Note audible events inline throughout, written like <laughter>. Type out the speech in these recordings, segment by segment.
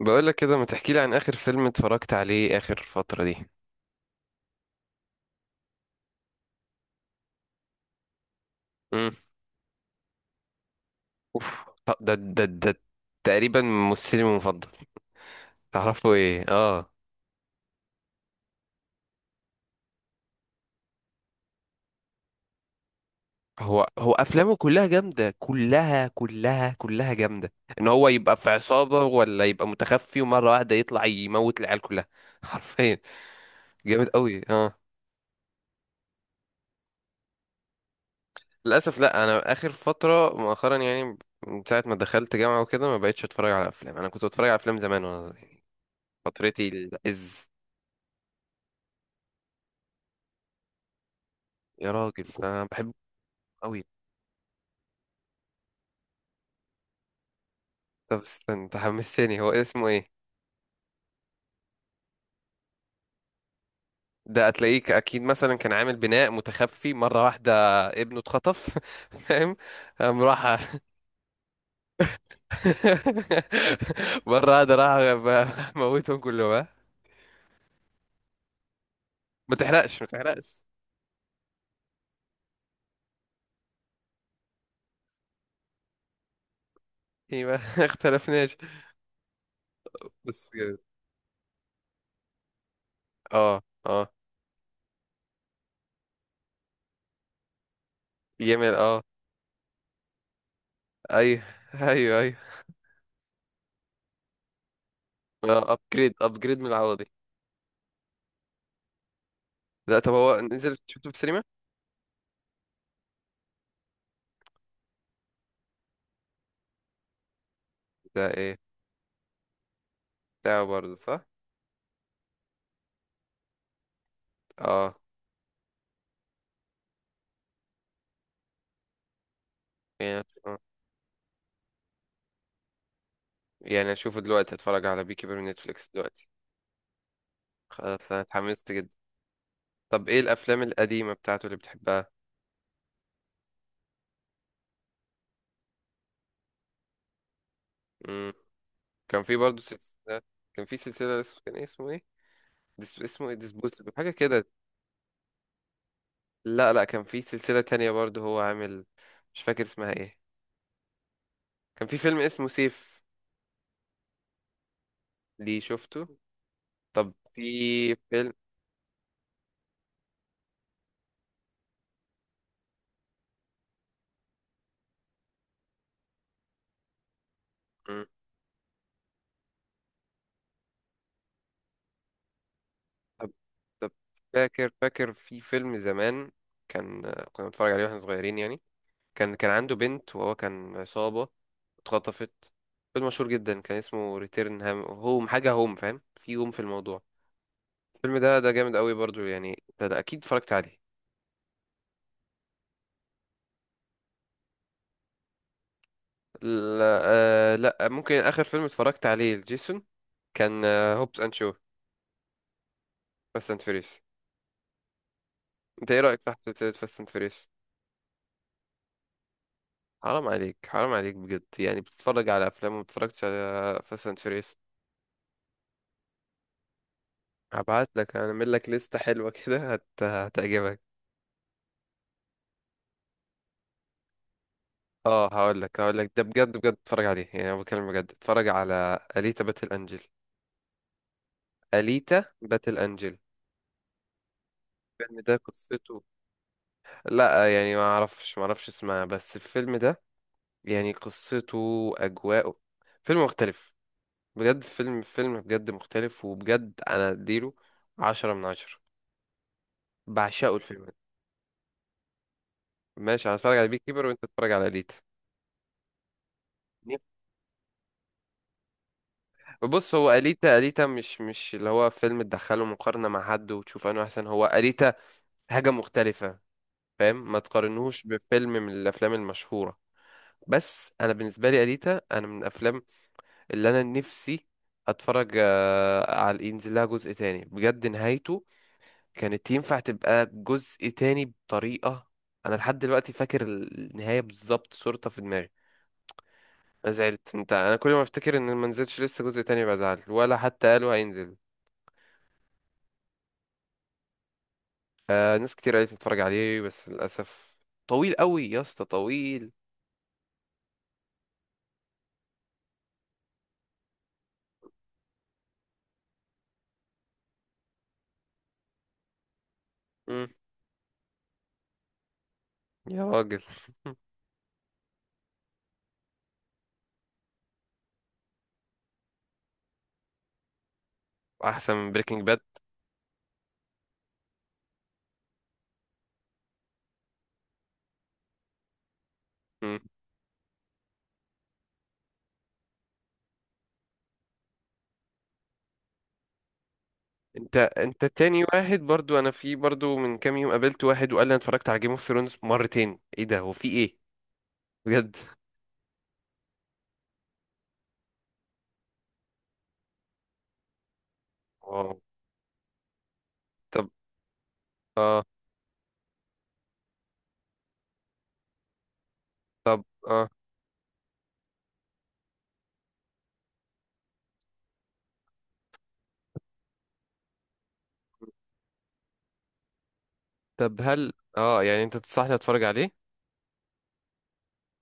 بقول لك كده، ما تحكي لي عن اخر فيلم اتفرجت عليه اخر فترة دي. امم اوف، ده تقريبا ممثلي المفضل. تعرفه؟ ايه، اه. هو افلامه كلها جامدة، كلها كلها كلها جامدة. ان هو يبقى في عصابة ولا يبقى متخفي، ومرة واحدة يطلع يموت العيال كلها <laughs> حرفيا. جامد قوي، اه. للاسف لا، انا اخر فترة مؤخرا يعني. من ساعة ما دخلت جامعة وكده ما بقتش اتفرج على افلام. انا كنت بتفرج على افلام زمان وانا صغير. فترتي العز. يا راجل انا بحبه قوي. طب استنى، انت حمستني، هو اسمه ايه؟ ده هتلاقيك اكيد مثلا كان عامل بناء متخفي مره واحده. ابنه اتخطف <laughs> فاهم؟ قام راح. <laughs> مره واحده راح موتهم كلهم، ها. ما تحرقش، ما تحرقش. ايه، ما <laughs> اختلفناش. بس كده. اه، اه. يمل، اه. ايوه. ايوه، ايوه. ابجريد، ابجريد من العوضي. لا طب، هو نزل شفته في السينما؟ ده ايه؟ بتاعه برضه، صح. اه. يعني يعني اشوفه دلوقتي؟ هتفرج على بيكي بير من نتفليكس دلوقتي. خلاص، انا اتحمست جدا. طب ايه الافلام القديمه بتاعته اللي بتحبها؟ امم كان في برضه سلسله. كان في سلسله، اسمه كان إيه، اسمه ايه؟ اسمه ايه، ديسبوسيبل حاجه كده. لا لا، كان في سلسله تانية برضه هو عامل. مش فاكر اسمها ايه. كان في فيلم اسمه سيف. ليه، شفته؟ طب في فيلم. مم. طب طب. فاكر فاكر في فيلم زمان. كان كنا بنتفرج عليه واحنا صغيرين يعني. كان عنده بنت وهو كان عصابة. اتخطفت. فيلم مشهور جدا كان اسمه ريتيرن هام هوم حاجة، هوم، فاهم؟ في هوم في الموضوع. الفيلم ده جامد قوي برضو يعني، ده أكيد اتفرجت عليه. لا، آه لا، ممكن آخر فيلم اتفرجت عليه لجيسون كان هوبس أند شو، فاست أند فيريس. أنت إيه رأيك، صح، في سلسلة فاست أند فيريس؟ حرام عليك، حرام عليك بجد، يعني بتتفرج على أفلام وما بتتفرجش على فاست أند فيريس؟ هبعت لك، هعمل لك لستة حلوة كده هتعجبك. اه، هقول لك ده، بجد بجد اتفرج عليه، يعني انا بتكلم بجد. اتفرج على اليتا باتل انجل. اليتا باتل انجل. الفيلم ده قصته... لا يعني ما اعرفش ما اعرفش اسمها، بس الفيلم ده يعني قصته، اجواءه، فيلم مختلف. بجد فيلم فيلم بجد مختلف، وبجد انا اديله 10/10. بعشقه الفيلم ده. ماشي، انا هتفرج على بيك كيبر وانت تتفرج على اليتا. بص هو أليتا، أليتا مش اللي هو فيلم تدخله مقارنة مع حد وتشوف انه احسن. هو أليتا حاجة مختلفة. فاهم؟ ما تقارنوش بفيلم من الافلام المشهوره. بس انا بالنسبه لي اليتا انا من الافلام اللي انا نفسي اتفرج على ينزل لها جزء تاني. بجد نهايته كانت ينفع تبقى جزء تاني بطريقه. انا لحد دلوقتي فاكر النهايه بالظبط، صورتها في دماغي. انا زعلت، انت انا كل ما افتكر ان ما نزلش لسه جزء تاني بزعل، ولا حتى قالوا هينزل. آه، ناس كتير قالت تتفرج عليه بس للاسف طويل قوي يا اسطى، طويل. مم. يا راجل، احسن من بريكنج باد. انت تاني واحد برضو، انا في برضو من كام يوم قابلت واحد وقال لي انا اتفرجت على جيم اوف ثرونز مرتين. ايه ده، هو في ايه؟ بجد. واو. طب، اه، اه. طب هل يعني انت تنصحني اتفرج عليه؟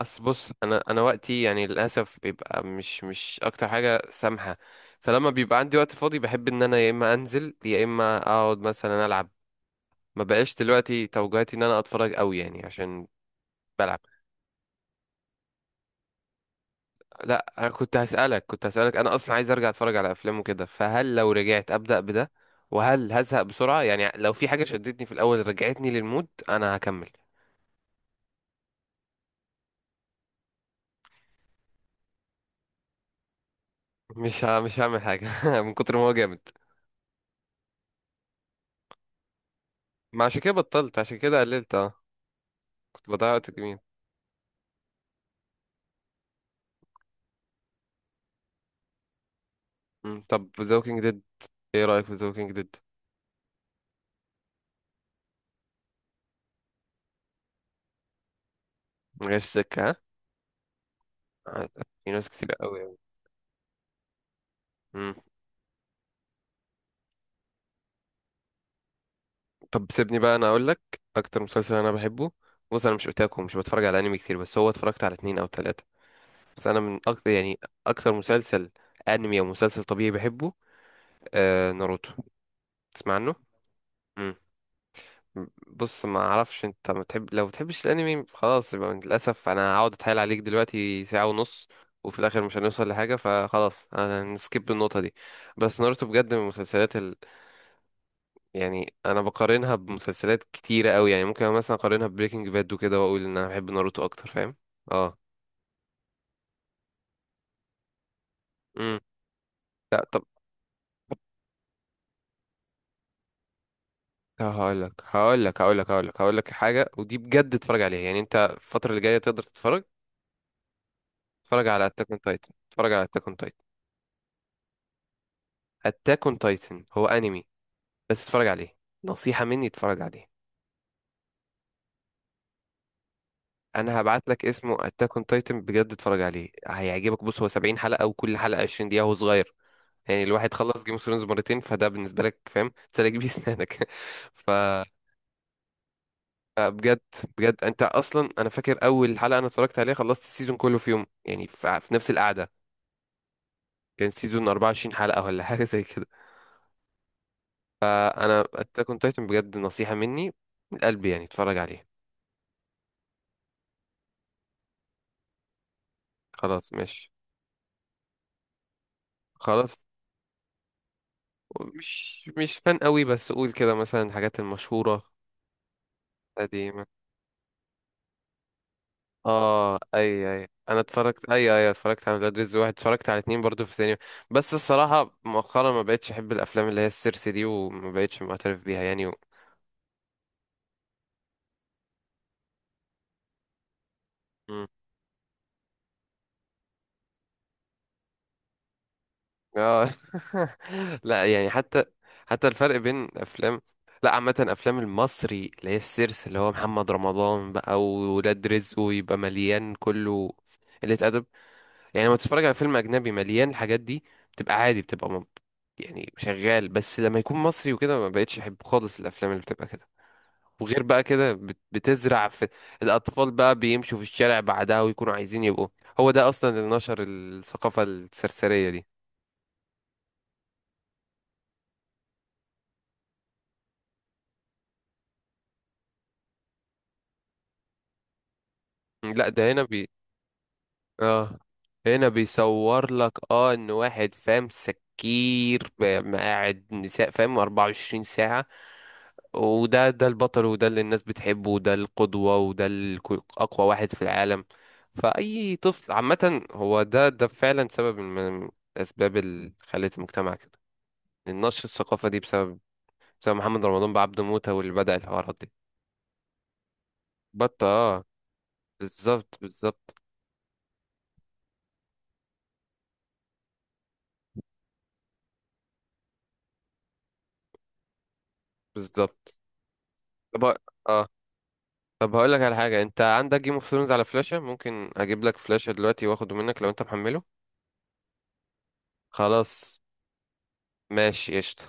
اصل بص، انا وقتي يعني للاسف بيبقى مش اكتر حاجه سامحه. فلما بيبقى عندي وقت فاضي بحب ان انا يا اما انزل يا اما اقعد مثلا العب. ما بقاش دلوقتي توجهاتي ان انا اتفرج قوي يعني عشان بلعب. لا انا كنت هسألك، كنت هسألك، انا اصلا عايز ارجع اتفرج على افلام وكده، فهل لو رجعت ابدأ بده وهل هزهق بسرعة؟ يعني لو في حاجة شدتني في الاول رجعتني للمود انا هكمل. <laughs> مش هعمل حاجة <laughs> من كتر ما هو جامد. ما عشان كده بطلت، عشان كده قللت، اه. كنت بضيع وقت جميل. طب The Walking Dead. ايه رأيك في The Walking Dead؟ مجاش سكة، ها؟ آه، في ناس كتير قوي قوي. مم، طب سيبني بقى انا اقول لك اكتر مسلسل انا بحبه. بص انا مش اوتاكو، مش بتفرج على انمي كتير، بس هو اتفرجت على اتنين او تلاتة. بس انا من اكتر يعني، اكتر مسلسل، انمي او مسلسل طبيعي بحبه، آه ناروتو. تسمع عنه؟ مم. بص ما اعرفش انت، ما تحب، لو بتحبش الانمي خلاص يبقى للاسف انا هقعد اتحايل عليك دلوقتي ساعة ونص، وفي الاخر مش هنوصل لحاجة، فخلاص انا نسكيب النقطة دي. بس ناروتو بجد من المسلسلات يعني انا بقارنها بمسلسلات كتيرة قوي، يعني ممكن مثلا اقارنها ببريكنج باد وكده واقول ان انا بحب ناروتو اكتر. فاهم؟ اه. امم لا طب، هقول لك هقول لك هقول لك هقول لك هقول لك حاجه ودي بجد اتفرج عليها، يعني انت الفتره اللي جايه تقدر تتفرج. اتفرج على اتاك اون تايتن، اتفرج على اتاك اون تايتن. اتاك اون تايتن هو انمي، بس اتفرج عليه. نصيحه مني، اتفرج عليه. انا هبعت لك اسمه اتاك اون تايتن، بجد اتفرج عليه هيعجبك. بص هو 70 حلقه وكل حلقه 20 دقيقه، هو صغير. يعني الواحد خلص جيم اوف ثرونز مرتين، فده بالنسبه لك فاهم تسلك بيه سنانك <laughs> ف... بجد، بجد انت اصلا. انا فاكر اول حلقه انا اتفرجت عليها خلصت السيزون كله في يوم، يعني في نفس القعده. كان سيزون 24 حلقة ولا حاجة زي كده. فأنا أتاك أون تايتن بجد نصيحة مني من قلبي، يعني اتفرج عليه. خلاص ماشي. خلاص، مش فان قوي بس قول كده مثلا الحاجات المشهورة. قديمة؟ اه اي اي، انا اتفرجت، اي اي اتفرجت على ولاد رزق واحد، اتفرجت على اتنين برضو في السينما. بس الصراحة مؤخرا ما بقتش احب الافلام اللي هي السيرسي دي، وما بقتش معترف بيها يعني. و... اه. <laughs> لا يعني حتى، حتى الفرق بين افلام، لا عامة افلام المصري اللي هي السيرس اللي هو محمد رمضان بقى وولاد رزق، ويبقى مليان كله قلة ادب. يعني لما تتفرج على فيلم اجنبي مليان الحاجات دي بتبقى عادي، بتبقى يعني شغال، بس لما يكون مصري وكده ما بقتش احب خالص الافلام اللي بتبقى كده. وغير بقى كده بتزرع في الاطفال، بقى بيمشوا في الشارع بعدها ويكونوا عايزين يبقوا. هو ده اصلا اللي نشر الثقافة السرسرية دي. لا، ده هنا، اه، هنا بيصور لك ان واحد فاهم سكير فاهم قاعد نساء فاهم 24 ساعة، وده البطل، وده اللي الناس بتحبه، وده القدوة، وده اقوى واحد في العالم. فأي طفل عامة، هو ده فعلا سبب من الأسباب اللي خلت المجتمع كده. النشر الثقافة دي بسبب محمد رمضان، بعبده موتة، واللي بدأ الحوارات دي. بطة، اه. بالظبط بالظبط بالظبط. طب- اه. طب هقول لك على حاجه، انت عندك جيم اوف ثرونز على فلاشه؟ ممكن اجيب لك فلاشه دلوقتي واخده منك لو انت محمله. خلاص ماشي، قشطه.